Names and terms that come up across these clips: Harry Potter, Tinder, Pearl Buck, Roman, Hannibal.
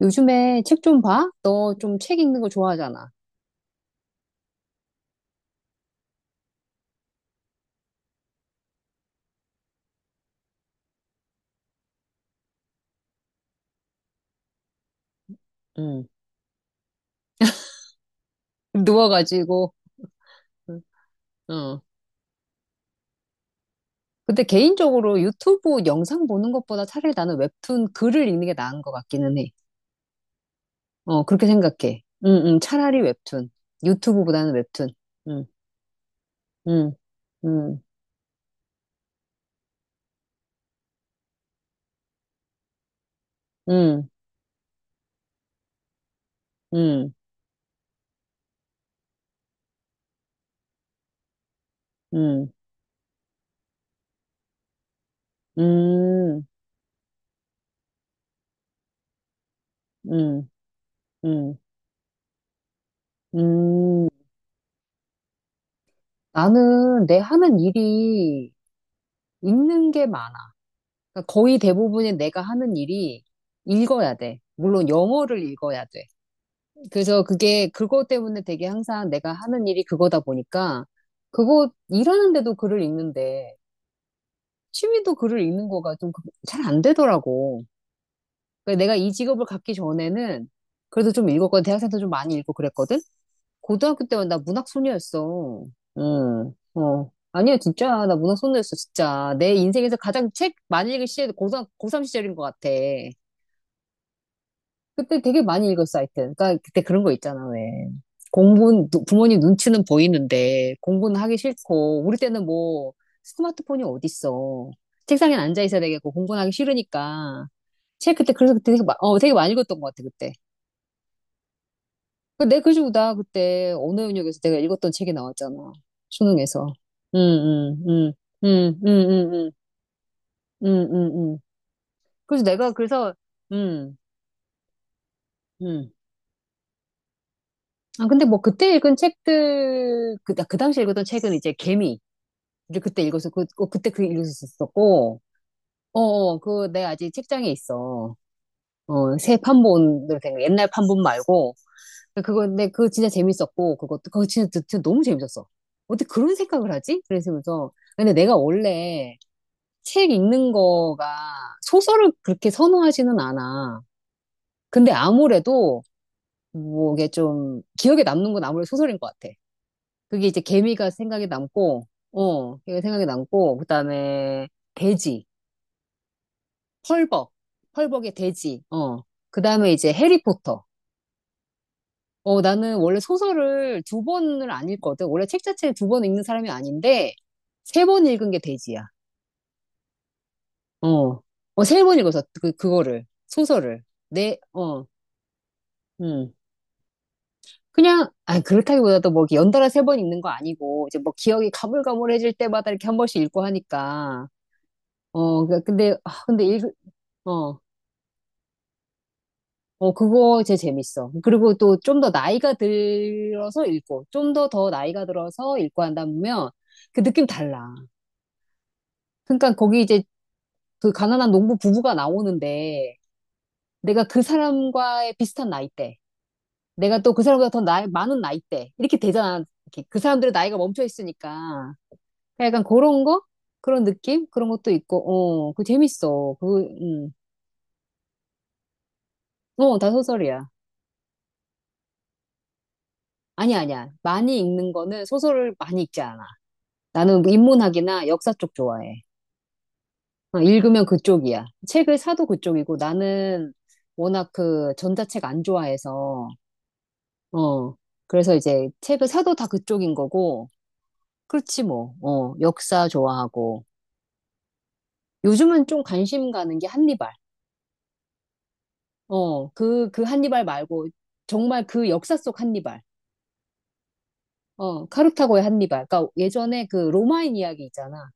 요즘에 책 좀 봐? 너 좀 책 읽는 거 좋아하잖아. 응, 누워가지고. 응. 어. 근데 개인적으로 유튜브 영상 보는 것보다 차라리 나는 웹툰 글을 읽는 게 나은 것 같기는 해. 어, 그렇게 생각해. 응, 응, 차라리 웹툰. 유튜브보다는 웹툰. 응, 응, 응, 응, 응, 응, 응, 응, 응, 응. 나는 내 하는 일이 읽는 게 많아. 그러니까 거의 대부분의 내가 하는 일이 읽어야 돼. 물론 영어를 읽어야 돼. 그래서 그게 그것 때문에 되게 항상 내가 하는 일이 그거다 보니까 그거 일하는데도 글을 읽는데 취미도 글을 읽는 거가 좀 그, 잘안 되더라고. 그러니까 내가 이 직업을 갖기 전에는 그래도 좀 읽었거든. 대학생 때 좀 많이 읽고 그랬거든. 고등학교 때만 나 문학 소녀였어. 응, 어. 아니야, 진짜. 나 문학 소녀였어, 진짜. 내 인생에서 가장 책 많이 읽은 시절이 고삼 고3 시절인 것 같아. 그때 되게 많이 읽었어, 하여튼. 그러니까 그때 그런 거 있잖아, 왜. 공부는, 부모님 눈치는 보이는데, 공부는 하기 싫고, 우리 때는 뭐, 스마트폰이 어딨어. 책상에 앉아 있어야 되겠고, 공부는 하기 싫으니까. 책 그때, 그래서 그때 되게, 되게 많이 읽었던 것 같아, 그때. 그 내 그지고 나 그때 언어연역에서 내가 읽었던 책이 나왔잖아. 수능에서. 응, 응, 응, 응, 응, 응, 응, 응, 응. 응. 그래서 내가, 그래서, 응, 응. 아, 근데 뭐 그때 읽은 책들, 그, 그 당시 읽었던 책은 이제 개미를 그때 읽어서, 그, 어, 그때 그 읽었었었고, 어, 어, 그, 내 아직 책장에 있어. 어, 새 판본으로 된 거, 옛날 판본 말고. 그거, 근데 그거 진짜 재밌었고, 그것도, 그거 진짜, 진짜 너무 재밌었어. 어떻게 그런 생각을 하지? 그래서, 근데 내가 원래 책 읽는 거가 소설을 그렇게 선호하지는 않아. 근데 아무래도, 뭐, 이게 좀, 기억에 남는 건 아무래도 소설인 것 같아. 그게 이제 개미가 생각이 남고, 어, 개미가 생각이 남고, 그 다음에 돼지, 펄벅, 펄벅의 돼지, 어, 그 다음에 이제 해리포터. 어, 나는 원래 소설을 두 번을 안 읽거든. 원래 책 자체를 두 번 읽는 사람이 아닌데, 세 번 읽은 게 돼지야. 어, 어, 세 번 읽어서 그, 그거를, 소설을. 내, 어, 음. 그냥, 아, 그렇다기보다도 뭐, 이렇게 연달아 세 번 읽는 거 아니고, 이제 뭐 기억이 가물가물해질 때마다 이렇게 한 번씩 읽고 하니까. 어, 그- 근데, 아, 근데 읽, 어, 어, 그거 제 재밌어. 그리고 또 좀 더 나이가 들어서 읽고, 좀 더 더 나이가 들어서 읽고 한다면 그 느낌 달라. 그러니까 거기 이제 그 가난한 농부 부부가 나오는데 내가 그 사람과의 비슷한 나이대, 내가 또 그 사람보다 더 나이, 많은 나이대, 이렇게 되잖아. 이렇게 그 사람들의 나이가 멈춰 있으니까. 그러니까 약간 그런 거? 그런 느낌? 그런 것도 있고, 어, 그거 재밌어. 그, 어, 다 소설이야. 아니야, 아니야. 많이 읽는 거는 소설을 많이 읽지 않아. 나는 뭐 인문학이나 역사 쪽 좋아해. 어, 읽으면 그쪽이야. 책을 사도 그쪽이고 나는 워낙 그 전자책 안 좋아해서, 어. 그래서 이제 책을 사도 다 그쪽인 거고, 그렇지 뭐. 어, 역사 좋아하고. 요즘은 좀 관심 가는 게 한니발. 어, 그, 그 한니발 말고 정말 그 역사 속 한니발. 어, 카르타고의 한니발. 그러니까 예전에 그 로마인 이야기 있잖아.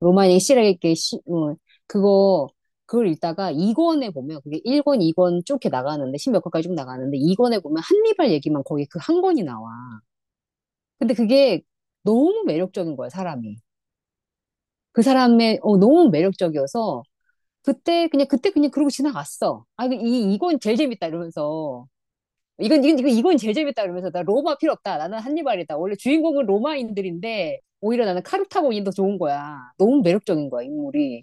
로마니 실에게 시, 그거 그걸 읽다가 2권에 보면 그게 1권, 2권 쭉 이렇게 나가는데 10몇 권까지 쭉 나가는데 2권에 보면 한니발 얘기만 거기 그 한 권이 나와. 근데 그게 너무 매력적인 거야, 사람이. 그 사람의 어, 너무 매력적이어서 그때 그냥 그러고 지나갔어. 아, 이건 제일 재밌다 이러면서 이건 제일 재밌다 이러면서 나 로마 필요 없다. 나는 한니발이다. 원래 주인공은 로마인들인데 오히려 나는 카르타고인이 더 좋은 거야. 너무 매력적인 거야, 인물이.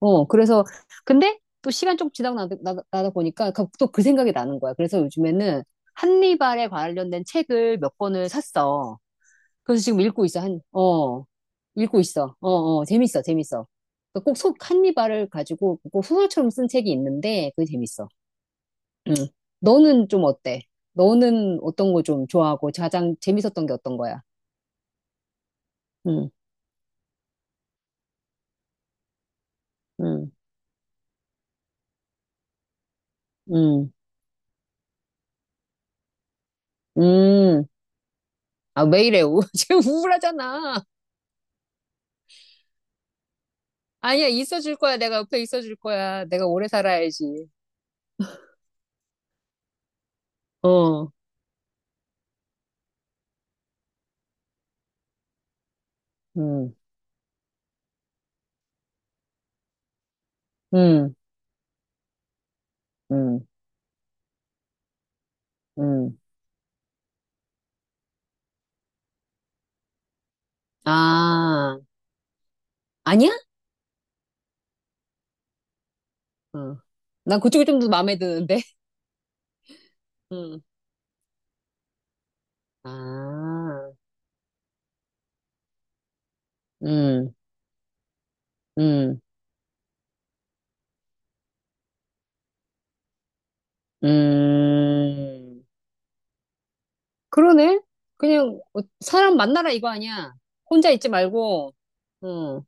어, 그래서, 근데 또 시간 좀 지나고 나다 보니까 그, 또그 생각이 나는 거야. 그래서 요즘에는 한니발에 관련된 책을 몇 권을 샀어. 그래서 지금 읽고 있어. 한, 어, 읽고 있어. 어, 어, 재밌어, 재밌어. 그러니까 꼭속 한니발을 가지고 꼭 소설처럼 쓴 책이 있는데 그게 재밌어. 응. 너는 좀 어때? 너는 어떤 거 좀 좋아하고 가장 재밌었던 게 어떤 거야? 응, 응, 응, 응. 아, 왜 이래? 지금 우울하잖아. 아니야, 있어줄 거야. 내가 옆에 있어줄 거야. 내가 오래 살아야지. 어, 음, 음, 음, 음. 아, 아니야? 어. 난 그쪽이 좀 더 마음에 드는데. 음. 아, 음, 음, 음. 그러네? 그냥, 어, 사람 만나라 이거 아니야. 혼자 있지 말고, 응,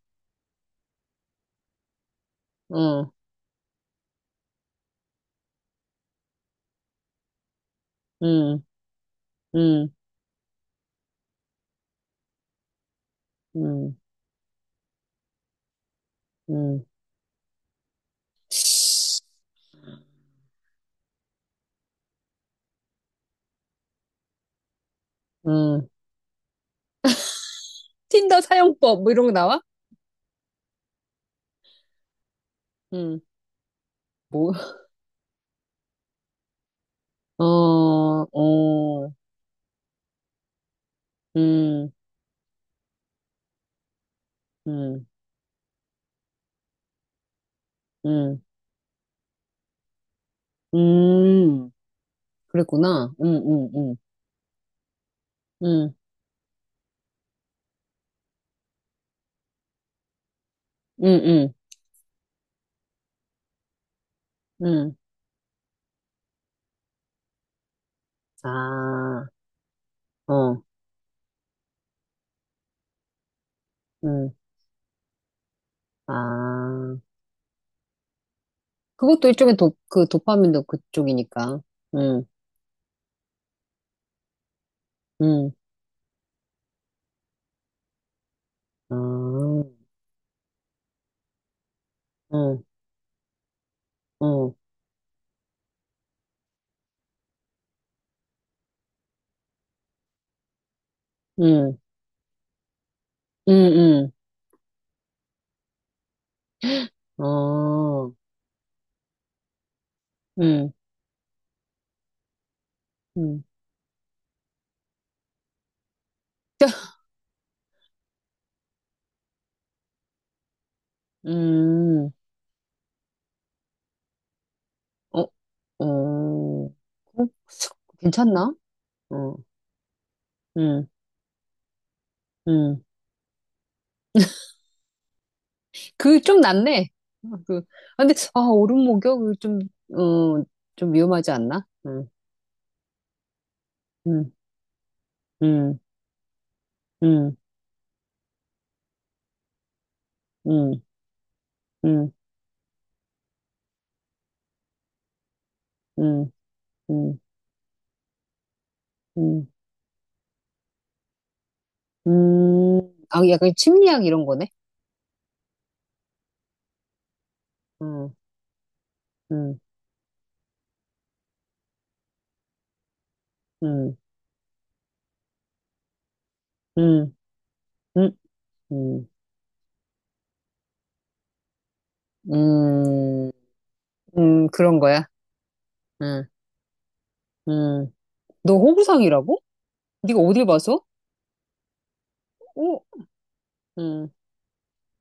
응, 응, 응, 응, 응, 응. 틴더 사용법, 뭐 이런 거 나와? 응. 뭐, 어, 어, 음, 음, 음, 음, 그랬구나. 음, 음, 음, 음. 아, 어, 음, 아. 그것도 일종의 도, 그 도파민도 그쪽이니까. 음, 음, 아, 어, 어, 음, 음, 어, 음, 음, 음, 어, 어. 어, 괜찮나? 어, 음, 음. 그 좀 낫네. 어, 그, 아, 근데, 아, 오름 목욕, 그 좀, 어, 좀 위험하지 않나? 응, 응, 응, 응, 응, 응, 응, 응, 응, 아, 약간 심리학 이런 거네? 응, 응, 응, 응, 응, 응, 응, 응, 그런 거야. 응, 응. 너 호구상이라고? 네가 어딜 봐서? 오, 응,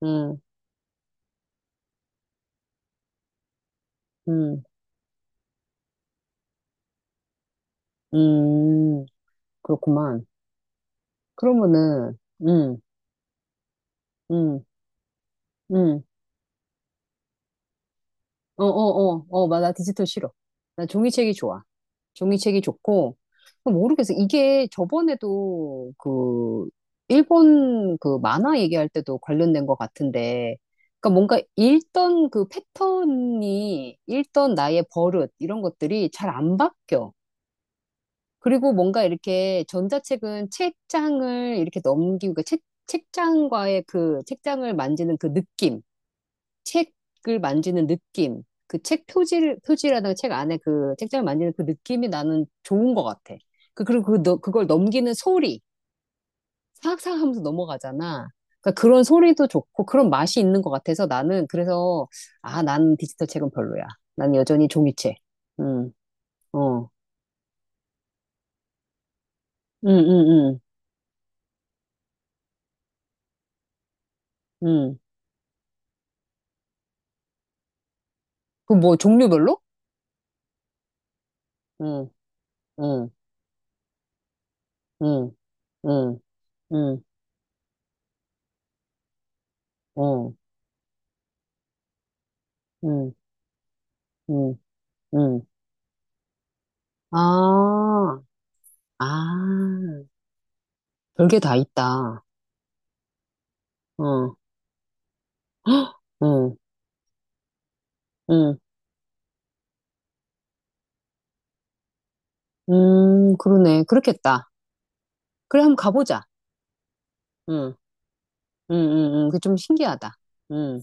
응, 응, 응, 그렇구만. 그러면은, 응, 응, 응. 어, 어, 어, 어, 맞아. 디지털 싫어. 나 종이책이 좋아. 종이책이 좋고, 모르겠어. 이게 저번에도 그, 일본 그 만화 얘기할 때도 관련된 것 같은데, 그러니까 뭔가 읽던 그 패턴이, 읽던 나의 버릇, 이런 것들이 잘 안 바뀌어. 그리고 뭔가 이렇게 전자책은 책장을 이렇게 넘기고, 그러니까 책, 책장과의 그, 책장을 만지는 그 느낌. 책을 만지는 느낌, 그 책 표지를, 표지라든가 책 안에 그 책장을 만지는 그 느낌이 나는 좋은 것 같아. 그, 그리고 그, 그걸 넘기는 소리, 사악사악 하면서 넘어가잖아. 그러니까 그런 소리도 좋고 그런 맛이 있는 것 같아서 나는 그래서, 아, 난 디지털 책은 별로야. 난 여전히 종이책. 음, 어, 음, 음, 음, 음. 그 뭐 종류별로? 응, 응, 응, 응, 응, 응, 어, 응, 응, 응. 아, 아. 별게 다 있다. 어, 어, 응, 그러네. 그렇겠다. 그래, 한번 가보자. 응, 응, 응, 응. 그게 좀 신기하다. 응.